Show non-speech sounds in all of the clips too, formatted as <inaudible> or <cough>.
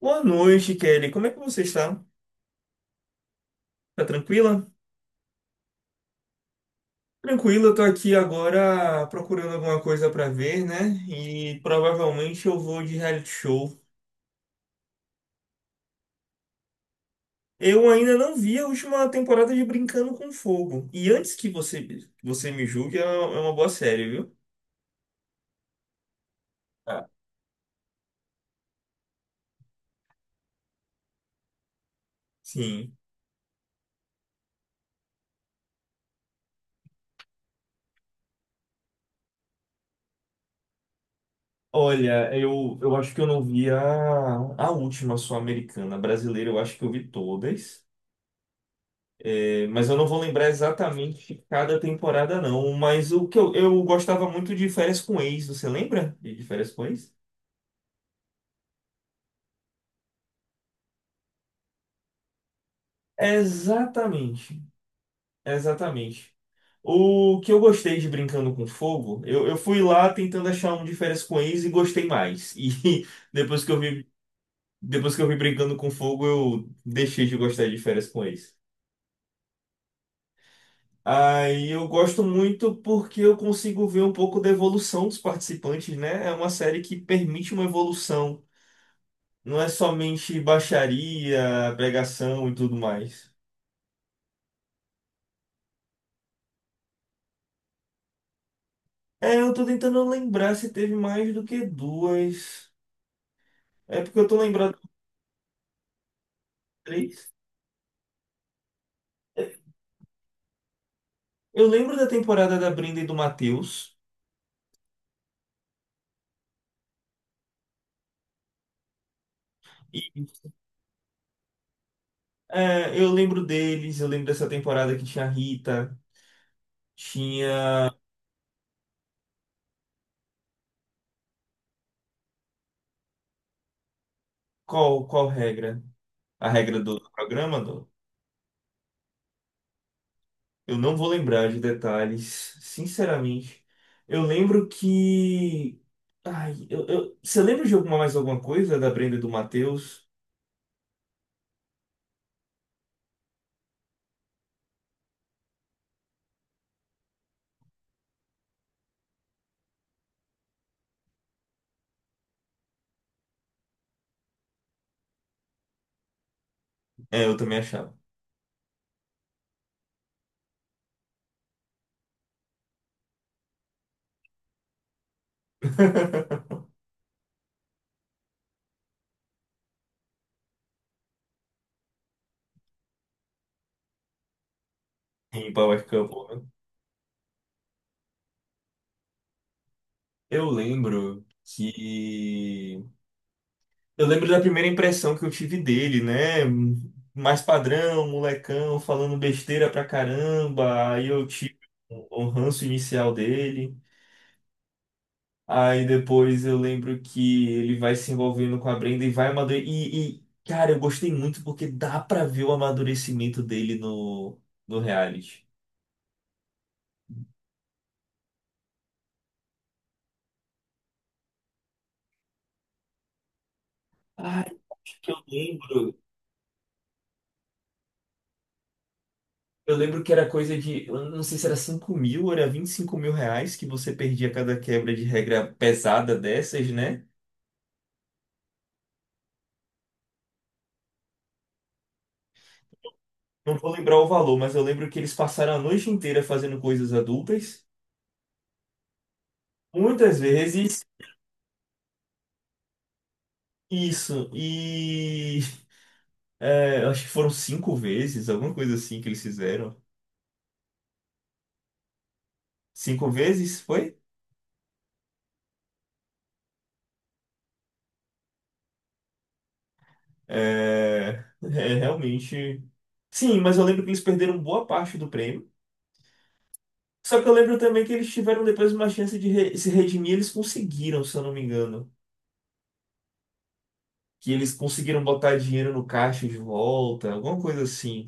Boa noite, Kelly. Como é que você está? Tá tranquila? Tranquila, eu tô aqui agora procurando alguma coisa pra ver, né? E provavelmente eu vou de reality show. Eu ainda não vi a última temporada de Brincando com Fogo. E você me julgue, é uma boa série, viu? Ah. Sim. Olha, eu acho que eu não vi a última, só americana. A brasileira, eu acho que eu vi todas. É, mas eu não vou lembrar exatamente cada temporada, não. Mas o que eu gostava muito de Férias com Ex, você lembra de Férias com Ex? Exatamente, exatamente. O que eu gostei de Brincando com Fogo, eu fui lá tentando achar um de Férias com Ex e gostei mais. E <laughs> depois que eu vi, depois que eu vi Brincando com Fogo, eu deixei de gostar de Férias com Ex. Aí eu gosto muito porque eu consigo ver um pouco da evolução dos participantes, né? É uma série que permite uma evolução. Não é somente baixaria, pregação e tudo mais. É, eu tô tentando lembrar se teve mais do que duas. É porque eu tô lembrado de três. Eu lembro da temporada da Brenda e do Matheus. E é, eu lembro deles, eu lembro dessa temporada que tinha a Rita, tinha. Qual, qual regra? A regra do programa? Eu não vou lembrar de detalhes, sinceramente. Eu lembro que. Ai, você lembra de alguma mais alguma coisa da Brenda e do Matheus? É, eu também achava. <laughs> Em Power Couple, né? Eu lembro que. Eu lembro da primeira impressão que eu tive dele, né? Mais padrão, molecão, falando besteira pra caramba. Aí eu tive o ranço inicial dele. Aí depois eu lembro que ele vai se envolvendo com a Brenda e vai amadurecer. Cara, eu gostei muito porque dá pra ver o amadurecimento dele no reality. Ah, o que que eu lembro. Eu lembro que era coisa de, eu não sei se era 5 mil ou era 25 mil reais que você perdia cada quebra de regra pesada dessas, né? Não vou lembrar o valor, mas eu lembro que eles passaram a noite inteira fazendo coisas adultas, muitas vezes. Isso, e <laughs> é, eu acho que foram cinco vezes, alguma coisa assim que eles fizeram. Cinco vezes, foi? É, é, realmente. Sim, mas eu lembro que eles perderam boa parte do prêmio. Só que eu lembro também que eles tiveram depois uma chance de se redimir, eles conseguiram, se eu não me engano. Que eles conseguiram botar dinheiro no caixa de volta, alguma coisa assim.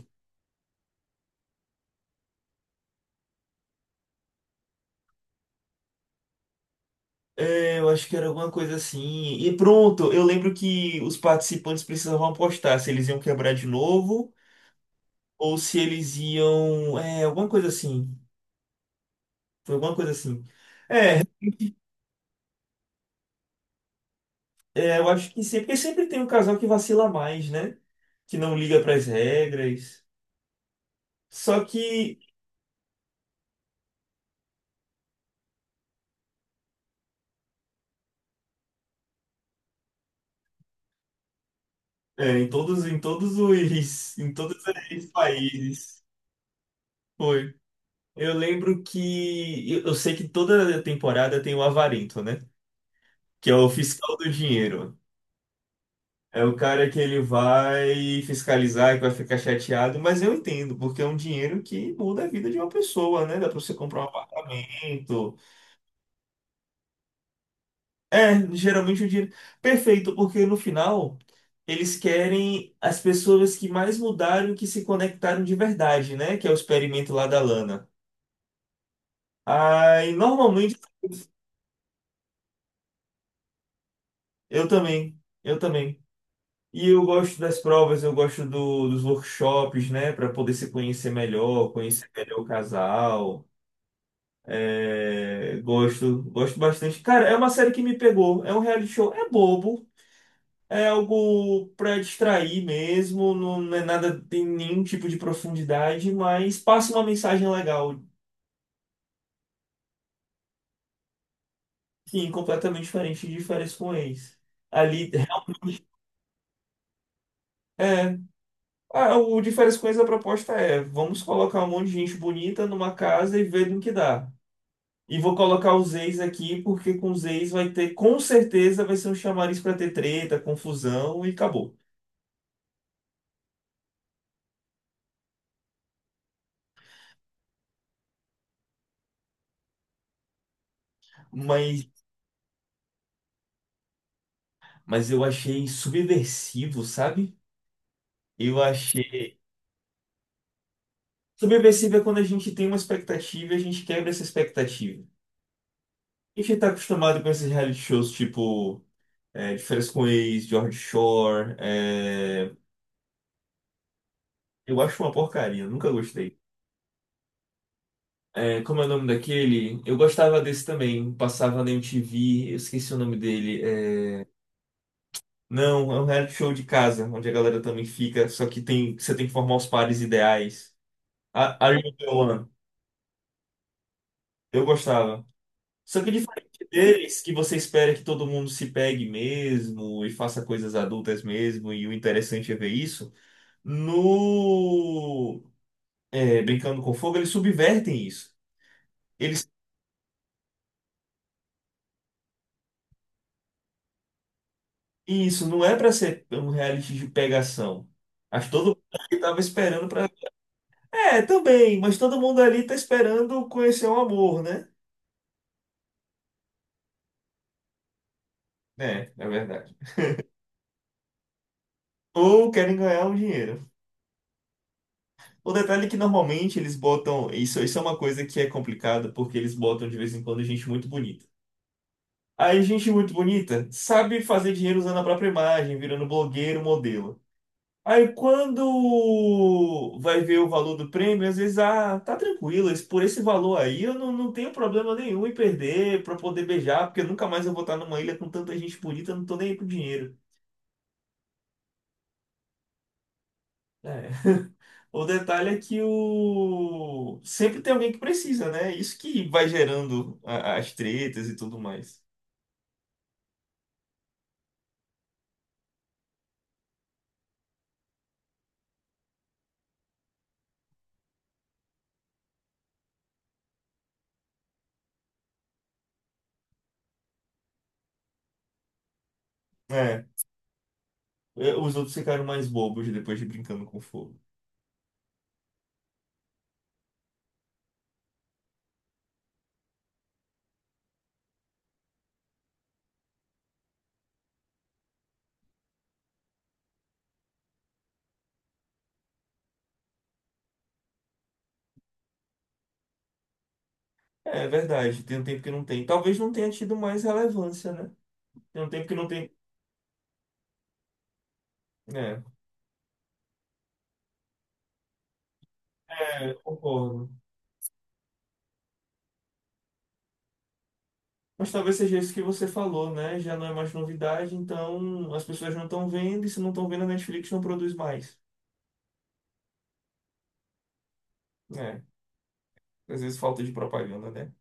É, eu acho que era alguma coisa assim. E pronto, eu lembro que os participantes precisavam apostar se eles iam quebrar de novo ou se eles iam. É, alguma coisa assim. Foi alguma coisa assim. É, é, eu acho que sempre, porque sempre tem um casal que vacila mais, né? Que não liga para as regras. Só que é, em todos os, <laughs> em todos os países. Foi. Eu lembro que eu sei que toda temporada tem o avarento, né? Que é o fiscal do dinheiro. É o cara que ele vai fiscalizar, que vai ficar chateado, mas eu entendo, porque é um dinheiro que muda a vida de uma pessoa, né? Dá pra você comprar um apartamento. É, geralmente é o dinheiro. Perfeito, porque no final eles querem as pessoas que mais mudaram e que se conectaram de verdade, né? Que é o experimento lá da Lana. Aí, normalmente, eu também. Eu também. E eu gosto das provas, eu gosto dos workshops, né? Para poder se conhecer melhor, conhecer melhor o casal. É, gosto, gosto bastante. Cara, é uma série que me pegou. É um reality show. É bobo. É algo para distrair mesmo, não é nada, tem nenhum tipo de profundidade, mas passa uma mensagem legal. Sim, completamente diferente de Férias com Ex. Ali, realmente, é. Ah, o de Férias com Ex, a proposta é: vamos colocar um monte de gente bonita numa casa e ver no que dá. E vou colocar os ex aqui, porque com os ex vai ter, com certeza, vai ser um chamariz para ter treta, confusão e acabou. Mas, mas eu achei subversivo, sabe? Eu achei. Subversível é quando a gente tem uma expectativa e a gente quebra essa expectativa. A gente tá acostumado com esses reality shows tipo De Férias com Ex, George Shore. É, eu acho uma porcaria, nunca gostei. É, como é o nome daquele? Eu gostava desse também, passava na MTV, eu esqueci o nome dele. É, não, é um reality show de casa, onde a galera também fica, só que tem, você tem que formar os pares ideais. A Are You the One? Eu gostava. Só que é diferente deles, que você espera que todo mundo se pegue mesmo e faça coisas adultas mesmo, e o interessante é ver isso, no é, Brincando com Fogo, eles subvertem isso. Eles, e isso não é pra ser um reality de pegação. Acho que todo mundo ali tava esperando pra. É, também, mas todo mundo ali tá esperando conhecer o amor, né? É, é verdade. Ou querem ganhar um dinheiro. O detalhe é que normalmente eles botam. Isso é uma coisa que é complicada, porque eles botam de vez em quando gente muito bonita. Aí, gente muito bonita sabe fazer dinheiro usando a própria imagem, virando blogueiro, modelo. Aí, quando vai ver o valor do prêmio, às vezes, ah, tá tranquilo, esse- por esse valor aí eu não tenho problema nenhum em perder pra poder beijar, porque nunca mais eu vou estar numa ilha com tanta gente bonita, eu não tô nem aí pro dinheiro. É. <laughs> O detalhe é que o... sempre tem alguém que precisa, né? Isso que vai gerando as tretas e tudo mais. É, é, os outros ficaram mais bobos depois de Brincando com Fogo. É, é verdade, tem um tempo que não tem. Talvez não tenha tido mais relevância, né? Tem um tempo que não tem. É, é, concordo. Mas talvez seja isso que você falou, né? Já não é mais novidade, então as pessoas não estão vendo, e se não estão vendo, a Netflix não produz mais. É, às vezes falta de propaganda, né?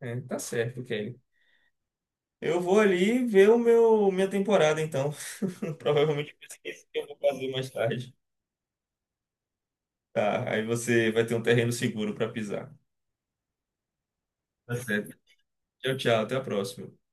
É, tá certo, Kelly. Eu vou ali ver o meu minha temporada, então. <laughs> Provavelmente vai ser isso que eu vou fazer mais tarde. Tá, aí você vai ter um terreno seguro para pisar. Tá certo. Tchau, tchau. Até a próxima.